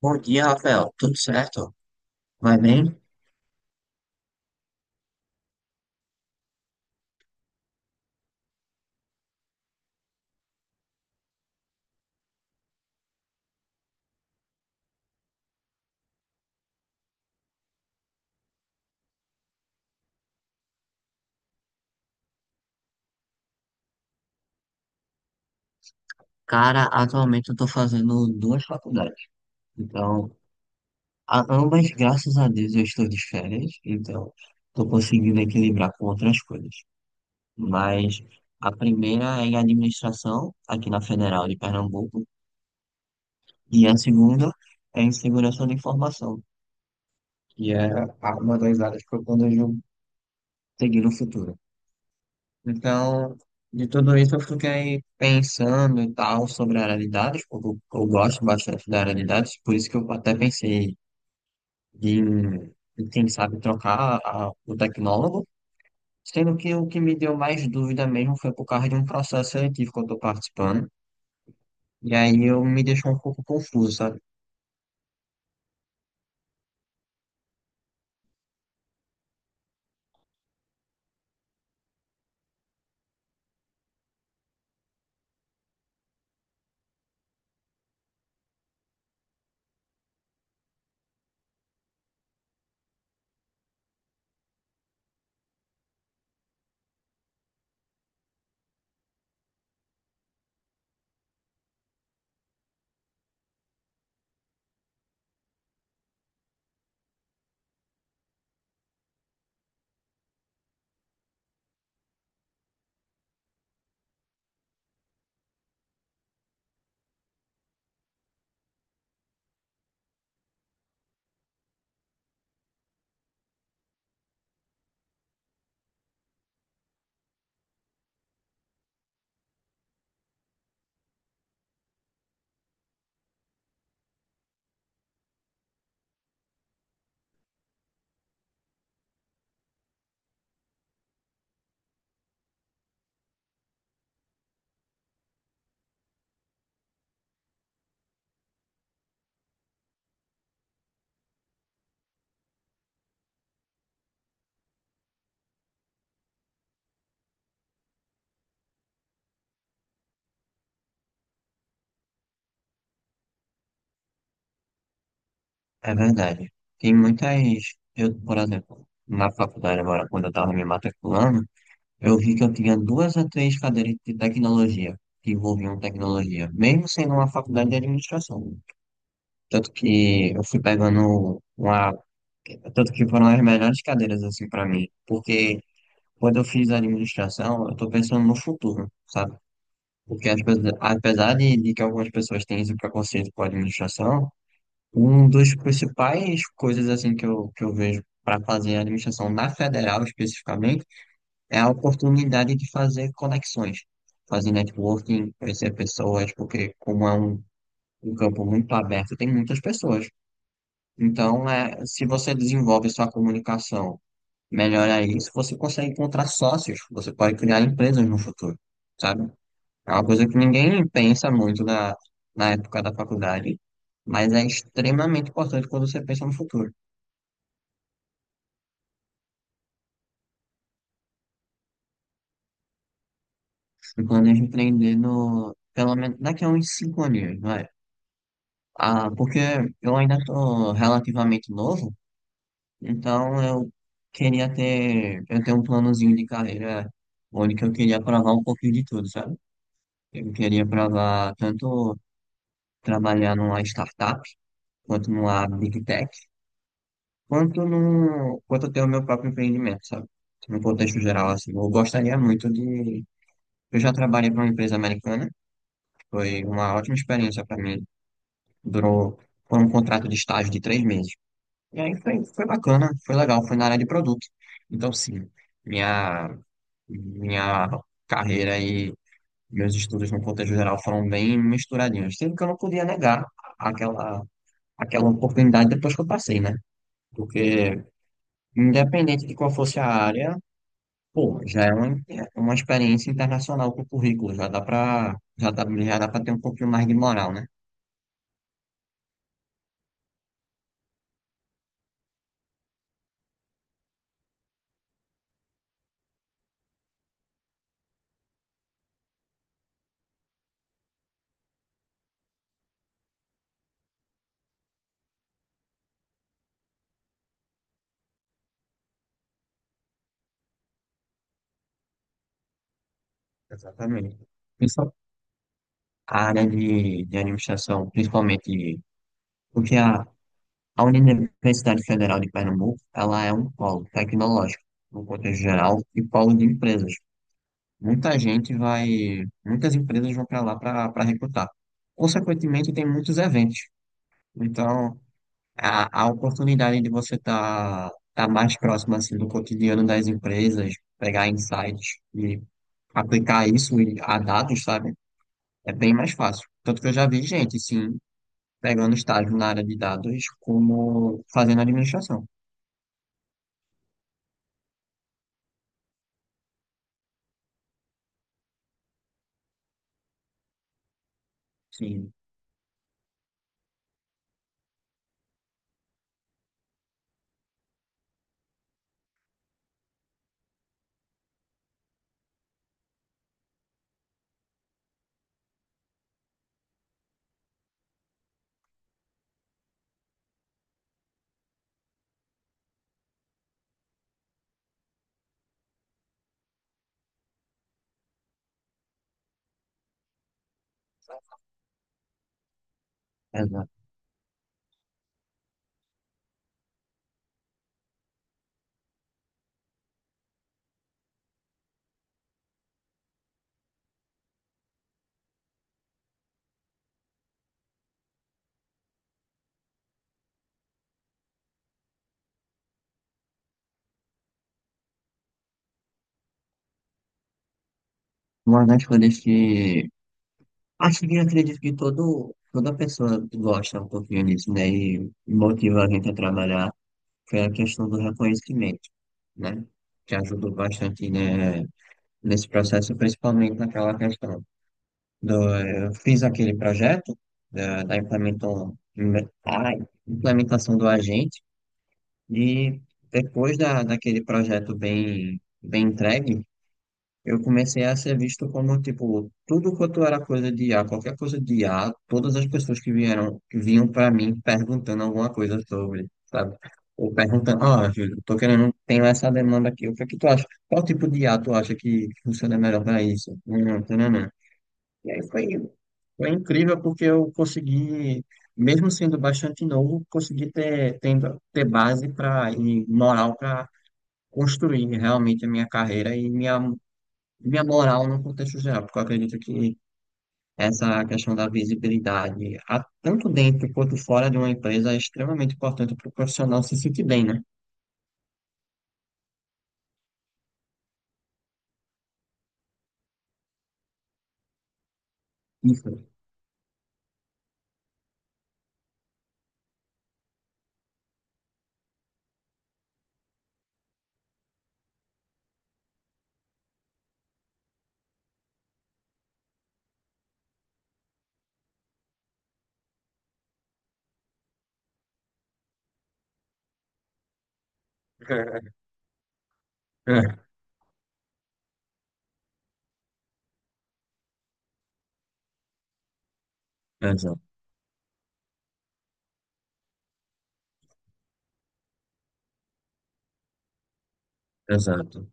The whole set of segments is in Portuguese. Bom dia, Rafael. Tudo certo? Vai bem? Cara, atualmente eu tô fazendo duas faculdades. Então, ambas, graças a Deus, eu estou de férias. Então, tô conseguindo equilibrar com outras coisas. Mas a primeira é em administração, aqui na Federal de Pernambuco. E a segunda é em segurança da informação, que é uma das áreas que eu planejo seguir no futuro. Então, de tudo isso eu fiquei pensando e tal sobre oralidades, porque eu gosto bastante de oralidades, por isso que eu até pensei em, em, quem sabe, trocar o tecnólogo, sendo que o que me deu mais dúvida mesmo foi por causa de um processo seletivo que eu estou participando, e aí eu me deixou um pouco confuso, sabe? É verdade. Tem muitas, eu, por exemplo, na faculdade agora, quando eu estava me matriculando, eu vi que eu tinha duas a três cadeiras de tecnologia, que envolviam tecnologia, mesmo sendo uma faculdade de administração. Tanto que eu fui pegando uma. Tanto que foram as melhores cadeiras, assim, para mim. Porque quando eu fiz administração, eu tô pensando no futuro, sabe? Apesar de que algumas pessoas têm esse preconceito com a administração, um dos principais coisas, assim, que que eu vejo para fazer administração na federal, especificamente, é a oportunidade de fazer conexões, fazer networking, conhecer pessoas, porque como é um campo muito aberto, tem muitas pessoas. Então, é, se você desenvolve sua comunicação, melhora isso, você consegue encontrar sócios, você pode criar empresas no futuro, sabe? É uma coisa que ninguém pensa muito na época da faculdade, mas é extremamente importante quando você pensa no futuro. Eu planejo empreender no, pelo menos daqui a uns 5 anos, não. Ah, porque eu ainda tô relativamente novo, então eu queria ter, eu tenho um planozinho de carreira onde que eu queria provar um pouquinho de tudo, sabe? Eu queria provar tanto trabalhar numa startup, quanto numa big tech, quanto no, quanto ter o meu próprio empreendimento, sabe? No contexto geral, assim, eu gostaria muito de, eu já trabalhei para uma empresa americana, foi uma ótima experiência para mim, durou, foi um contrato de estágio de 3 meses. E aí foi bacana, foi legal, foi na área de produto. Então, sim, minha, minha carreira e meus estudos no contexto geral foram bem misturadinhos. Sendo que eu não podia negar aquela, aquela oportunidade depois que eu passei, né? Porque, independente de qual fosse a área, pô, é uma experiência internacional com o currículo, já dá pra ter um pouquinho mais de moral, né? Exatamente. Principal- A área de administração, principalmente, porque a Universidade Federal de Pernambuco, ela é um polo tecnológico, no contexto geral, e polo de empresas. Muita gente vai, muitas empresas vão para lá para recrutar. Consequentemente, tem muitos eventos. Então, a oportunidade de você estar tá mais próximo assim do cotidiano das empresas, pegar insights e aplicar isso a dados, sabe? É bem mais fácil. Tanto que eu já vi gente, sim, pegando estágio na área de dados como fazendo administração. Sim. Exato. Uma das coisas que acho que acredito que todo, toda pessoa gosta um pouquinho disso, né? E motiva a gente a trabalhar, foi a questão do reconhecimento, né? Que ajudou bastante, né, nesse processo, principalmente naquela questão do eu fiz aquele projeto da a implementação do agente e depois daquele projeto bem entregue. Eu comecei a ser visto como, tipo, tudo quanto era coisa de I a qualquer coisa de I a todas as pessoas que vieram, que vinham para mim perguntando alguma coisa sobre, sabe? Ou perguntando, ah, Júlio, tô querendo, tenho essa demanda aqui, o que é que tu acha? Qual tipo de I a tu acha que funciona melhor para isso? Tananã. E aí foi incrível porque eu consegui, mesmo sendo bastante novo, consegui ter base pra, e moral para construir realmente a minha carreira e minha moral no contexto geral, porque eu acredito que essa questão da visibilidade, tanto dentro quanto fora de uma empresa, é extremamente importante para o profissional se sentir bem, né? Isso. É, exato, exato.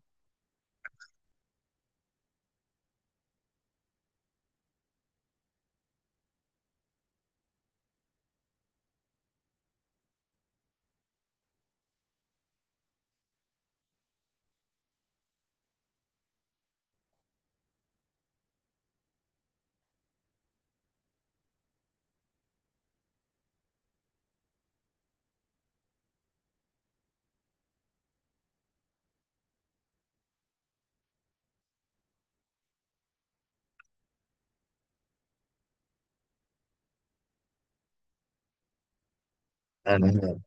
É verdade.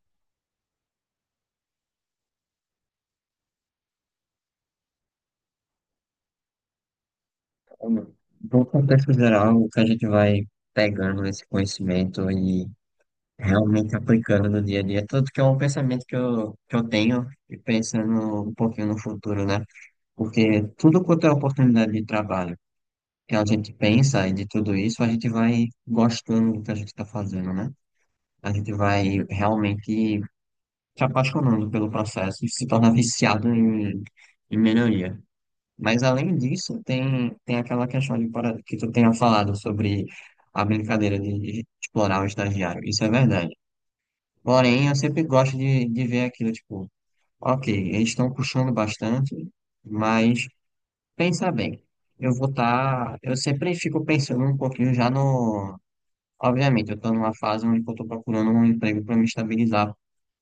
Então, no contexto geral, o que a gente vai pegando esse conhecimento e realmente aplicando no dia a dia, tanto que é um pensamento que que eu tenho, e pensando um pouquinho no futuro, né? Porque tudo quanto é oportunidade de trabalho, que a gente pensa e de tudo isso, a gente vai gostando do que a gente está fazendo, né? A gente vai realmente se apaixonando pelo processo e se torna viciado em melhoria. Mas além disso, tem aquela questão que tu tenha falado sobre a brincadeira de explorar o estagiário. Isso é verdade. Porém, eu sempre gosto de ver aquilo, tipo, ok, eles estão puxando bastante, mas pensa bem. Eu vou estar. Eu sempre fico pensando um pouquinho já no, obviamente, eu estou numa fase onde eu estou procurando um emprego para me estabilizar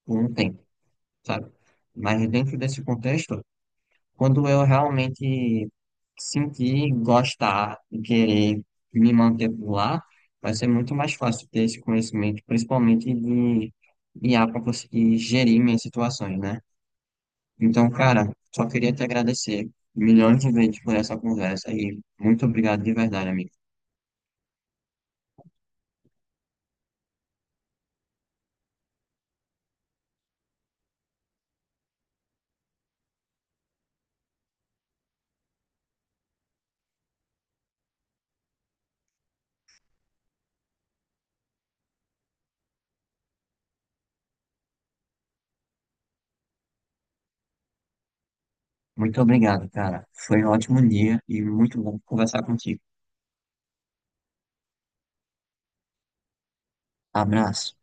por um tempo, sabe? Mas dentro desse contexto, quando eu realmente sentir, gostar e querer me manter por lá, vai ser muito mais fácil ter esse conhecimento, principalmente de IA para conseguir gerir minhas situações, né? Então, cara, só queria te agradecer milhões de vezes por essa conversa e muito obrigado de verdade, amigo. Muito obrigado, cara. Foi um ótimo dia e muito bom conversar contigo. Abraço.